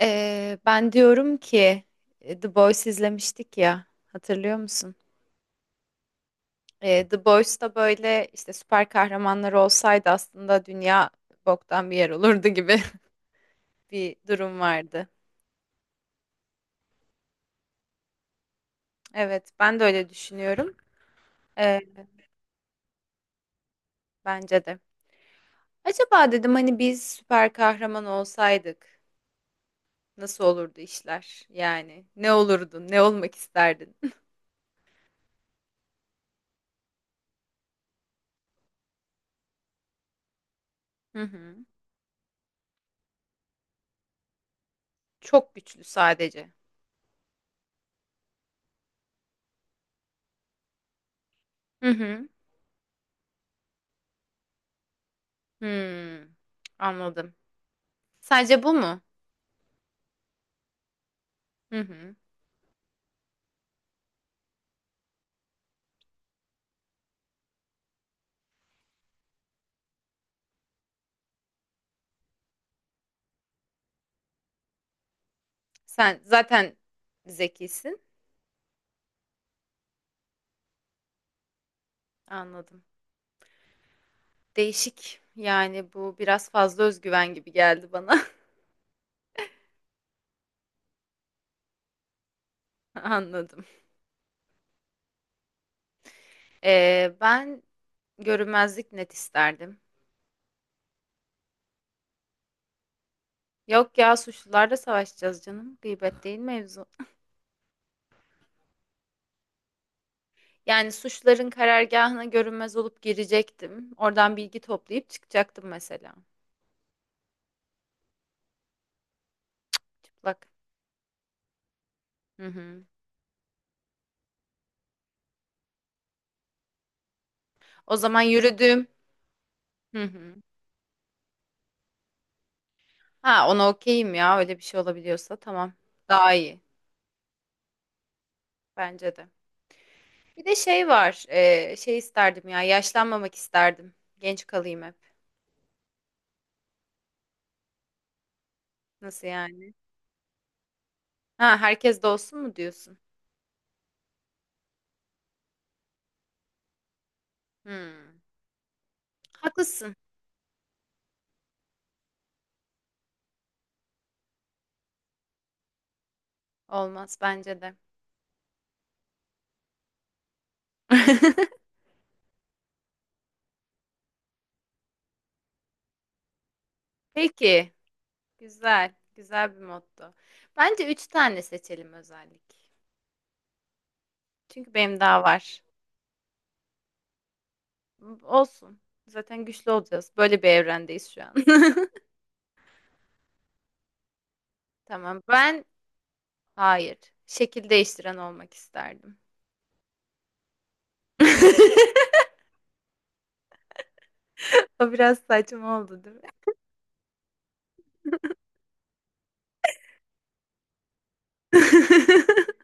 Ben diyorum ki The Boys izlemiştik ya hatırlıyor musun? The Boys'ta böyle işte süper kahramanlar olsaydı aslında dünya boktan bir yer olurdu gibi bir durum vardı. Evet ben de öyle düşünüyorum. Ee, bence de. Acaba dedim hani biz süper kahraman olsaydık nasıl olurdu işler? Yani ne olurdun? Ne olmak isterdin? Hı hı. Çok güçlü sadece. Hı hı. Hmm, anladım. Sadece bu mu? Hı hı. Sen zaten zekisin. Anladım. Değişik. Yani bu biraz fazla özgüven gibi geldi bana. Anladım. Ben görünmezlik net isterdim. Yok ya suçlularla savaşacağız canım. Gıybet değil mevzu. Yani suçların karargahına görünmez olup girecektim. Oradan bilgi toplayıp çıkacaktım mesela. Çıplak. Hı hı. O zaman yürüdüğüm. Hı hı. Ha ona okeyim ya öyle bir şey olabiliyorsa tamam. Daha iyi. Bence de. Bir de şey var. Şey isterdim ya. Yaşlanmamak isterdim. Genç kalayım hep. Nasıl yani? Ha herkes de olsun mu diyorsun? Hmm. Haklısın. Olmaz bence de. Peki. Güzel. Güzel bir motto. Bence üç tane seçelim özellik. Çünkü benim daha var. Olsun. Zaten güçlü olacağız. Böyle bir evrendeyiz şu an. Tamam. Ben hayır. Şekil değiştiren olmak isterdim. O biraz saçma oldu, değil mi?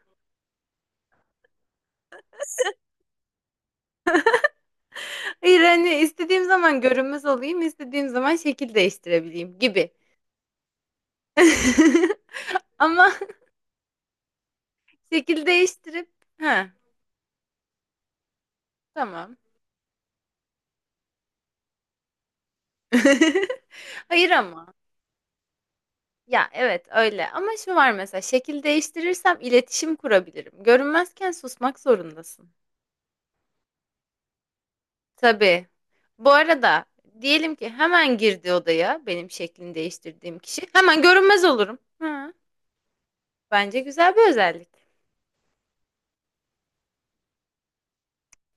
Hayır hani istediğim zaman görünmez olayım, istediğim zaman şekil değiştirebileyim gibi. Ama şekil değiştirip ha tamam. Hayır ama. Ya evet öyle ama şu var mesela şekil değiştirirsem iletişim kurabilirim. Görünmezken susmak zorundasın. Tabii. Bu arada diyelim ki hemen girdi odaya benim şeklini değiştirdiğim kişi. Hemen görünmez olurum. Ha, bence güzel bir özellik.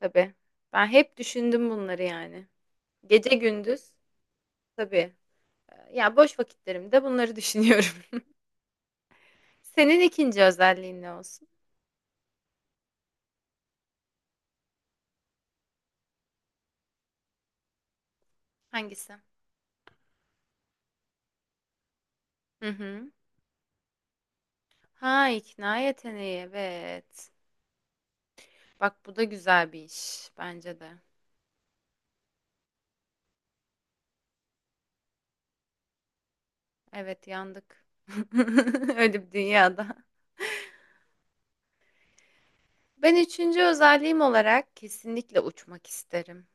Tabii. Ben hep düşündüm bunları yani. Gece gündüz tabii. Ya boş vakitlerimde bunları düşünüyorum. Senin ikinci özelliğin ne olsun? Hangisi? Hı hı. Ha ikna yeteneği evet. Bak bu da güzel bir iş bence de. Evet yandık. Öyle bir dünyada. Ben üçüncü özelliğim olarak kesinlikle uçmak isterim.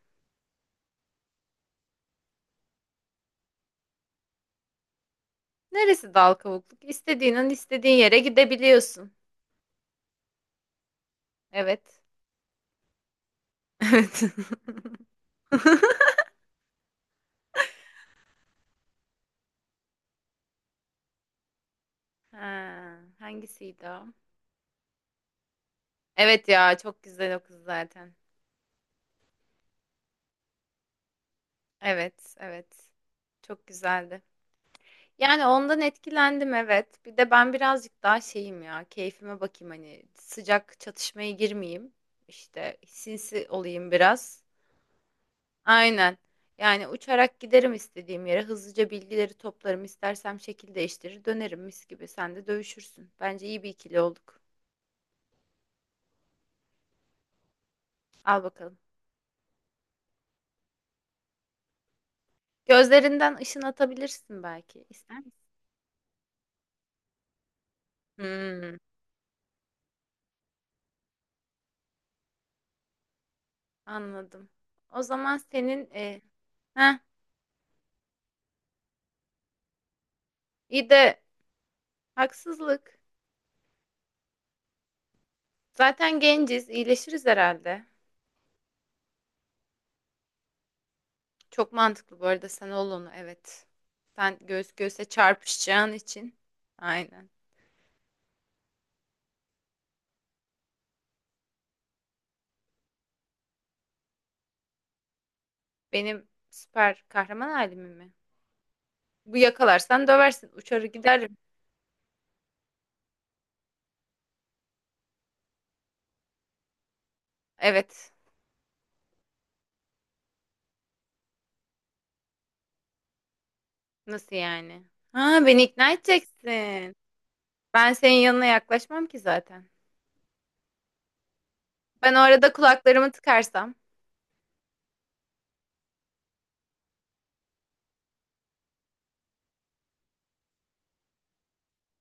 Neresi dal kavukluk? İstediğin an istediğin yere gidebiliyorsun. Evet. Evet. Ha, hangisiydi o? Evet ya çok güzel o kız zaten. Evet, evet. Çok güzeldi. Yani ondan etkilendim evet. Bir de ben birazcık daha şeyim ya. Keyfime bakayım hani sıcak çatışmaya girmeyeyim. İşte sinsi olayım biraz. Aynen. Yani uçarak giderim istediğim yere. Hızlıca bilgileri toplarım. İstersem şekil değiştirir dönerim mis gibi. Sen de dövüşürsün. Bence iyi bir ikili olduk. Al bakalım. Gözlerinden ışın atabilirsin belki. İster misin? Hmm. Anladım. O zaman senin heh, iyi de haksızlık. Zaten genciz, iyileşiriz herhalde. Çok mantıklı bu arada sen ol onu evet. Sen göğüs göğüse çarpışacağın için. Aynen. Benim süper kahraman halimi mi? Bu yakalarsan döversin, uçarı giderim. Evet. Nasıl yani? Ha beni ikna edeceksin. Ben senin yanına yaklaşmam ki zaten. Ben o arada kulaklarımı tıkarsam.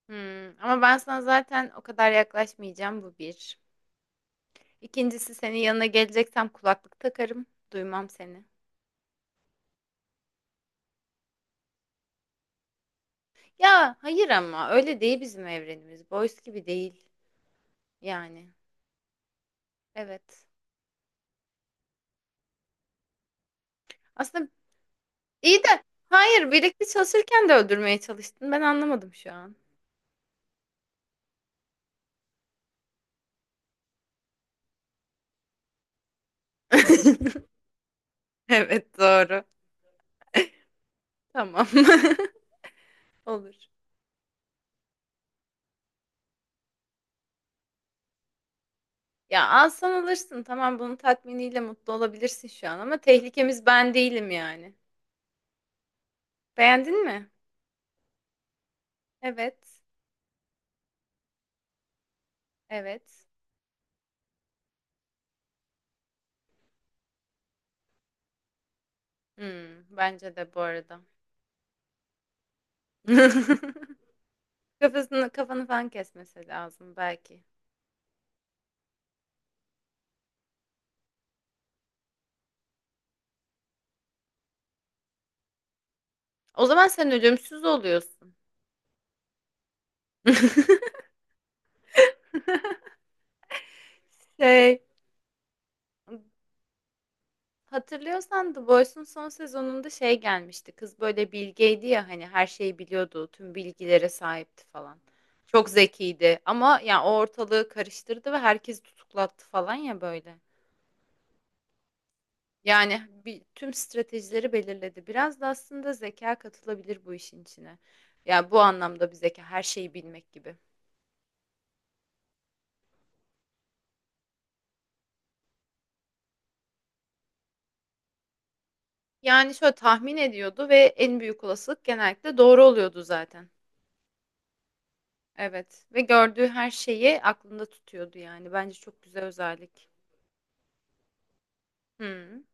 Hmm, ama ben sana zaten o kadar yaklaşmayacağım bu bir. İkincisi senin yanına geleceksem kulaklık takarım. Duymam seni. Ya hayır ama öyle değil bizim evrenimiz. Boys gibi değil yani. Evet. Aslında iyi de hayır birlikte çalışırken de öldürmeye çalıştın. Ben anlamadım şu an. Evet doğru. Tamam. Olur. Ya alsan alırsın. Tamam bunun tatminiyle mutlu olabilirsin şu an ama tehlikemiz ben değilim yani. Beğendin mi? Evet. Evet. Hmm, bence de bu arada. Kafasını, kafanı falan kesmesi lazım belki. O zaman sen ölümsüz oluyorsun. Şey, hatırlıyorsan The Boys'un son sezonunda şey gelmişti. Kız böyle bilgeydi ya hani her şeyi biliyordu, tüm bilgilere sahipti falan. Çok zekiydi ama ya o ortalığı karıştırdı ve herkesi tutuklattı falan ya böyle. Yani bir, tüm stratejileri belirledi. Biraz da aslında zeka katılabilir bu işin içine. Yani bu anlamda bir zeka her şeyi bilmek gibi. Yani şöyle tahmin ediyordu ve en büyük olasılık genellikle doğru oluyordu zaten. Evet ve gördüğü her şeyi aklında tutuyordu yani. Bence çok güzel özellik. Hmm.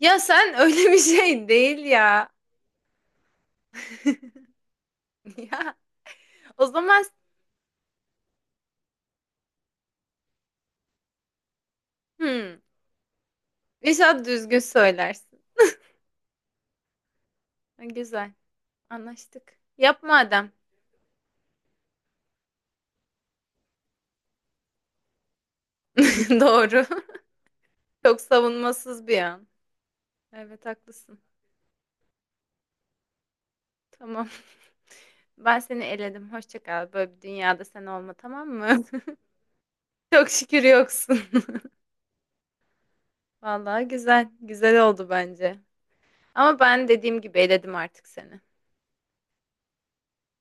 Ya sen öyle bir şey değil ya. Ya o zaman hmm. İnşallah düzgün söylersin. Ha, güzel. Anlaştık. Yapma adam. Doğru. Çok savunmasız bir an. Evet haklısın. Tamam. Ben seni eledim. Hoşça kal. Böyle bir dünyada sen olma tamam mı? Çok şükür yoksun. Vallahi güzel. Güzel oldu bence. Ama ben dediğim gibi eledim artık seni.